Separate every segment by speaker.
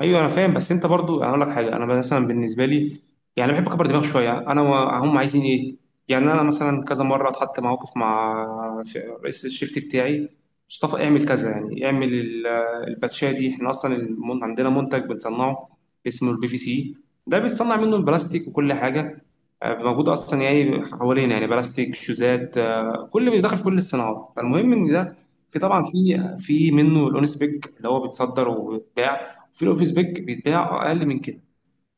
Speaker 1: ايوه، انا فاهم. بس انت برضو، انا اقول لك حاجه، انا مثلا بالنسبه لي، يعني بحب اكبر دماغ شويه. انا هم عايزين ايه؟ يعني انا مثلا كذا مره اتحط موقف مع رئيس الشيفت بتاعي مصطفى. اعمل كذا، يعني اعمل الباتشيه دي. احنا اصلا عندنا منتج بنصنعه اسمه البي في سي. ده بيتصنع منه البلاستيك وكل حاجه، موجود اصلا يعني حوالينا، يعني بلاستيك، شوزات، كل بيدخل في كل الصناعات. فالمهم ان ده، في طبعا في منه الاونس بيج اللي هو بيتصدر وبيتباع، وفي الاوفيس بيج بيتباع اقل من كده.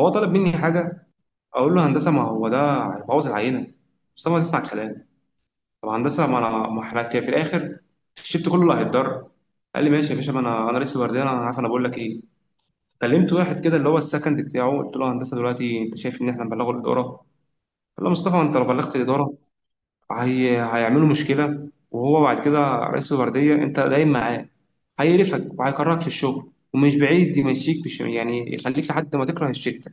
Speaker 1: هو طلب مني حاجه، اقول له هندسه ما هو ده هيبوظ العينه، بس ما تسمع الكلام. طب هندسه ما انا، ما احنا في الاخر الشفت كله اللي هيتضرر. قال لي ماشي يا باشا. ما انا لسه بردان. انا عارف انا بقول لك ايه. كلمت واحد كده اللي هو السكند بتاعه، قلت له هندسه دلوقتي انت شايف ان احنا نبلغه الاداره؟ قال له مصطفى، انت لو بلغت الاداره هيعملوا مشكلة، وهو بعد كده رئيس الوردية أنت دايم معاه، هيقرفك وهيكرهك في الشغل، ومش بعيد يمشيك، مش يعني يخليك لحد ما تكره الشركة.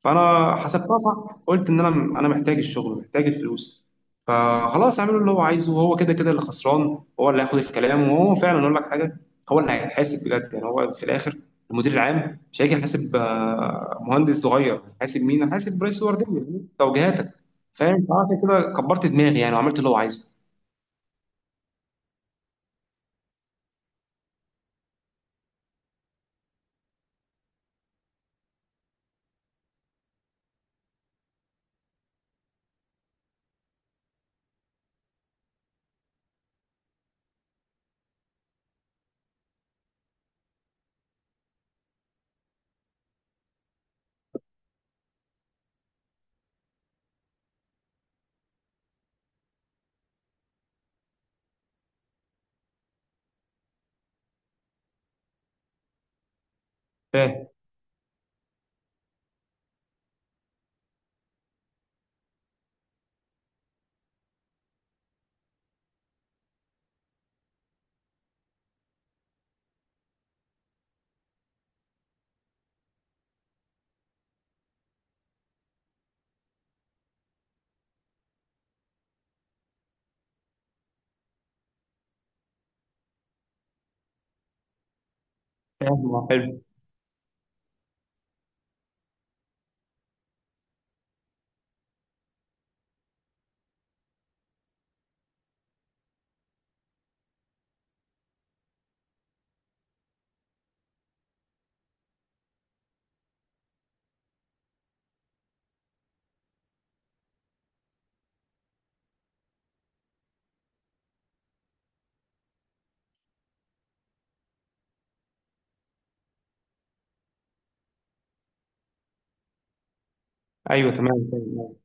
Speaker 1: فانا حسبتها صح، قلت ان انا محتاج الشغل، محتاج الفلوس. فخلاص اعمله اللي هو عايزه، وهو كده كده اللي خسران هو اللي هياخد الكلام. وهو فعلا، اقول لك حاجه، هو اللي هيتحاسب بجد يعني. هو في الاخر المدير العام مش هيجي يحاسب مهندس صغير. هيحاسب مين؟ هيحاسب رئيس الورديه، يعني توجيهاتك. فاهم؟ فعشان كده كبرت دماغي يعني، وعملت اللي هو عايزه. فاهم. فاهم، آه، حلو. ايوه تمام، فاهم.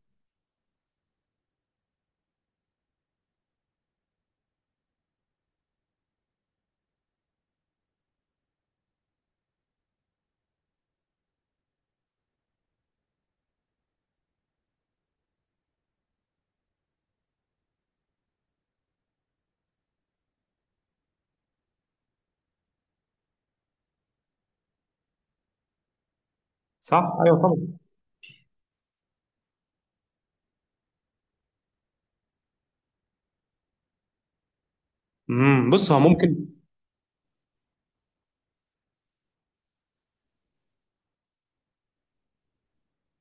Speaker 1: صح، ايوه طبعا. بص، هو ممكن.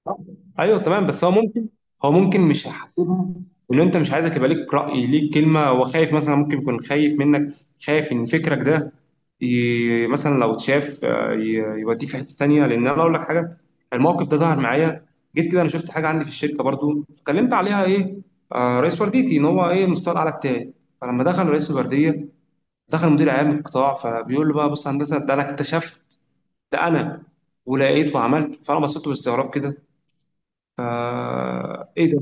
Speaker 1: آه. ايوه تمام، بس هو ممكن، هو ممكن مش هيحاسبها، ان انت، مش عايزك يبقى ليك راي، ليك كلمه. هو خايف مثلا، ممكن يكون خايف منك، خايف ان فكرك ده، مثلا لو اتشاف، يوديك في حته تانيه. لان انا اقول لك حاجه، الموقف ده ظهر معايا. جيت كده، انا شفت حاجه عندي في الشركه برضو، فكلمت عليها ايه، رئيس ورديتي، ان هو ايه، المستوى الاعلى بتاعي. فلما دخل رئيس الورديه، دخل مدير اعلام القطاع، فبيقول له بقى: بص يا هندسه ده انا اكتشفت ده، انا ولقيت وعملت. فانا بصيت له باستغراب كده، فا ايه ده؟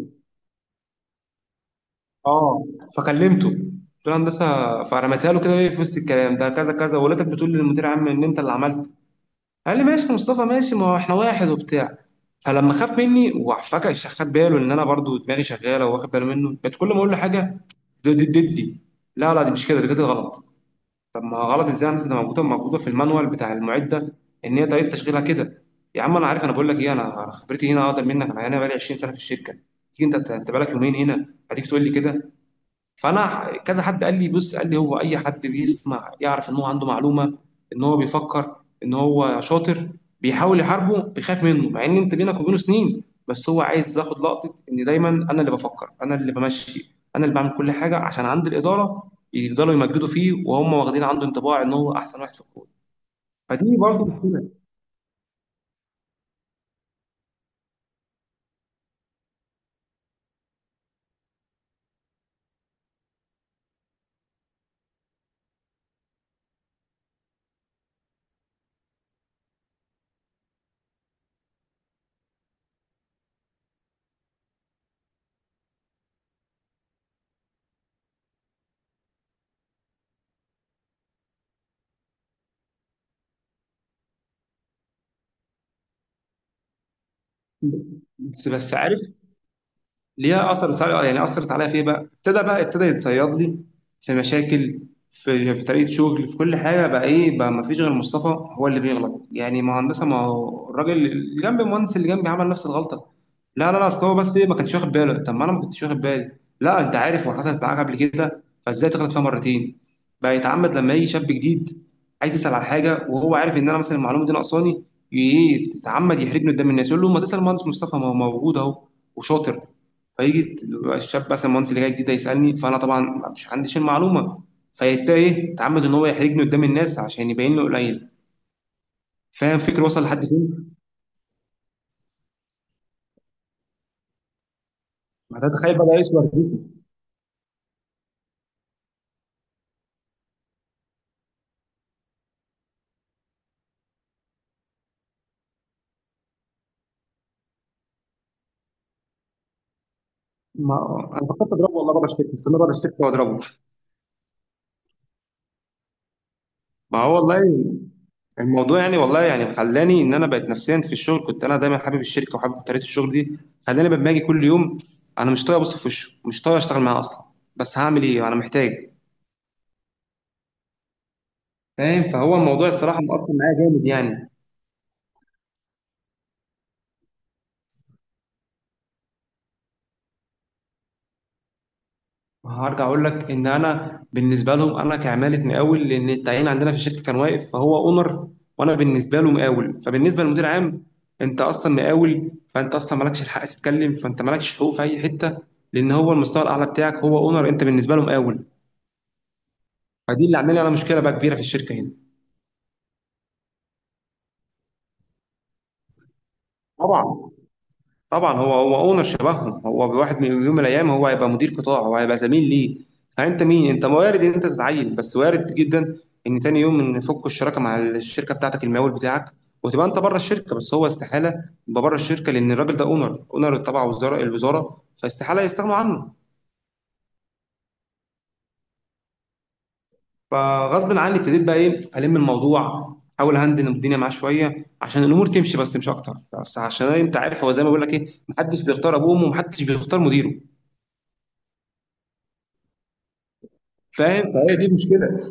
Speaker 1: اه. فكلمته قلت له: هندسه، فرميتها له كده ايه في وسط الكلام ده، كذا كذا، ولادك بتقول للمدير عام ان انت اللي عملت. قال لي ماشي يا مصطفى، ماشي، ما هو احنا واحد وبتاع. فلما خاف مني وفجأة خد باله ان انا برضو دماغي شغاله وواخد باله منه، بقت كل ما اقول له حاجه: دي دي دي، دي. لا لا، دي مش كده، دي كده غلط. طب ما غلط ازاي يا هندسه، ده موجوده موجوده في المانوال بتاع المعد ده، ان هي طريقه تشغيلها كده. يا عم انا عارف انا بقول لك ايه، انا خبرتي هنا اقدر منك، انا هنا بقالي 20 سنه في الشركه. تيجي انت، بقالك يومين هنا هتيجي تقول لي كده؟ فانا كذا حد قال لي، بص، قال لي: هو اي حد بيسمع يعرف ان هو عنده معلومه، ان هو بيفكر، ان هو شاطر، بيحاول يحاربه، بيخاف منه، مع ان انت بينك وبينه سنين. بس هو عايز ياخد لقطه ان دايما انا اللي بفكر، انا اللي بمشي، انا اللي بعمل كل حاجه، عشان عند الاداره يفضلوا يمجدوا فيه، وهم واخدين عنده انطباع ان هو احسن واحد في الكوره. فدي برضه مشكله. بس عارف، ليها اثر، يعني اثرت عليا في ايه بقى؟ ابتدى، بقى ابتدى يتصيد لي في مشاكل، في طريقه شغل، في كل حاجه. بقى ايه بقى؟ ما فيش غير مصطفى هو اللي بيغلط يعني. ما هو هندسه، ما هو الراجل اللي جنبي، المهندس اللي جنبي عمل نفس الغلطه. لا لا لا، اصل هو بس ايه، ما كانش واخد باله. طب ما انا ما كنتش واخد بالي. لا، انت عارف، وحصلت معاك قبل كده، فازاي تغلط فيها مرتين؟ بقى يتعمد لما يجي شاب جديد عايز يسال على حاجه، وهو عارف ان انا مثلا المعلومه دي ناقصاني، ايه، تتعمد يحرجني قدام الناس. يقول له ما تسال مهندس مصطفى، ما هو موجود اهو وشاطر. فيجي الشاب مثلا، المهندس اللي جاي جديد ده، يسالني، فانا طبعا مش عنديش المعلومه، فيبتدي ايه، تعمد ان هو يحرجني قدام الناس عشان يبين له قليل. فاهم الفكر وصل لحد فين؟ ما ده تخيل بقى، يسوى رديته. ما انا فكرت اضربه والله، بره الشركه، استنى بره الشركه واضربه. ما هو والله الموضوع يعني، والله يعني خلاني ان انا بقيت نفسيا في الشغل. كنت انا دايما حابب الشركه وحابب طريقه الشغل دي، خلاني لما اجي كل يوم انا مش طايق ابص في وشه، مش طايق اشتغل معاه اصلا. بس هعمل ايه؟ انا محتاج. فاهم؟ فهو الموضوع الصراحه مأثر معايا جامد يعني. هرجع اقول لك ان انا بالنسبه لهم انا كعماله مقاول، لان التعيين عندنا في الشركه كان واقف. فهو اونر، وانا بالنسبه له مقاول. فبالنسبه للمدير عام انت اصلا مقاول، فانت اصلا مالكش الحق تتكلم، فانت مالكش حقوق في اي حته، لان هو المستوى الاعلى بتاعك هو اونر، انت بالنسبه له مقاول. فدي اللي عامله لي انا مشكله بقى كبيره في الشركه هنا. طبعا. طبعًا هو أونر شبههم. هو، بواحد من يوم من الأيام، هو هيبقى مدير قطاع، هو هيبقى زميل ليه. فأنت مين؟ أنت وارد إن أنت تتعيّن، بس وارد جدًا إن تاني يوم يفكوا الشراكة مع الشركة بتاعتك المقاول بتاعك، وتبقى أنت بره الشركة. بس هو استحالة يبقى بره الشركة، لأن الراجل ده أونر، أونر تبع وزارة الوزارة، فاستحالة يستغنوا عنه. فغصبٍ عني ابتديت بقى إيه، ألِم الموضوع، أحاول أهندل الدنيا معاه شوية عشان الأمور تمشي، بس مش أكتر. بس عشان أنت عارف، هو زي ما باقول لك إيه، ما حدش بيختار أبوه وأمه، وما حدش بيختار مديره. فاهم؟ فهي دي المشكلة.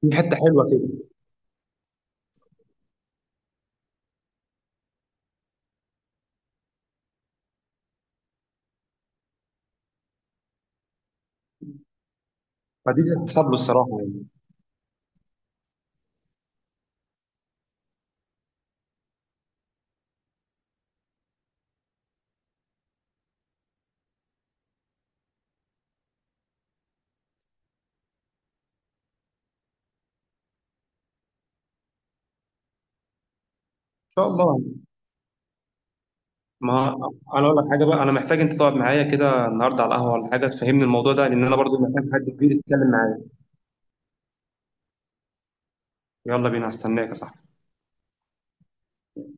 Speaker 1: في حته حلوه كده، فدي تتحسب له الصراحه يعني. ان شاء الله. ما انا اقول لك حاجه بقى، انا محتاج انت تقعد معايا كده النهارده على القهوه ولا حاجه تفهمني الموضوع ده، لان انا برضو محتاج حد كبير يتكلم معايا. يلا بينا، هستناك يا صاحبي.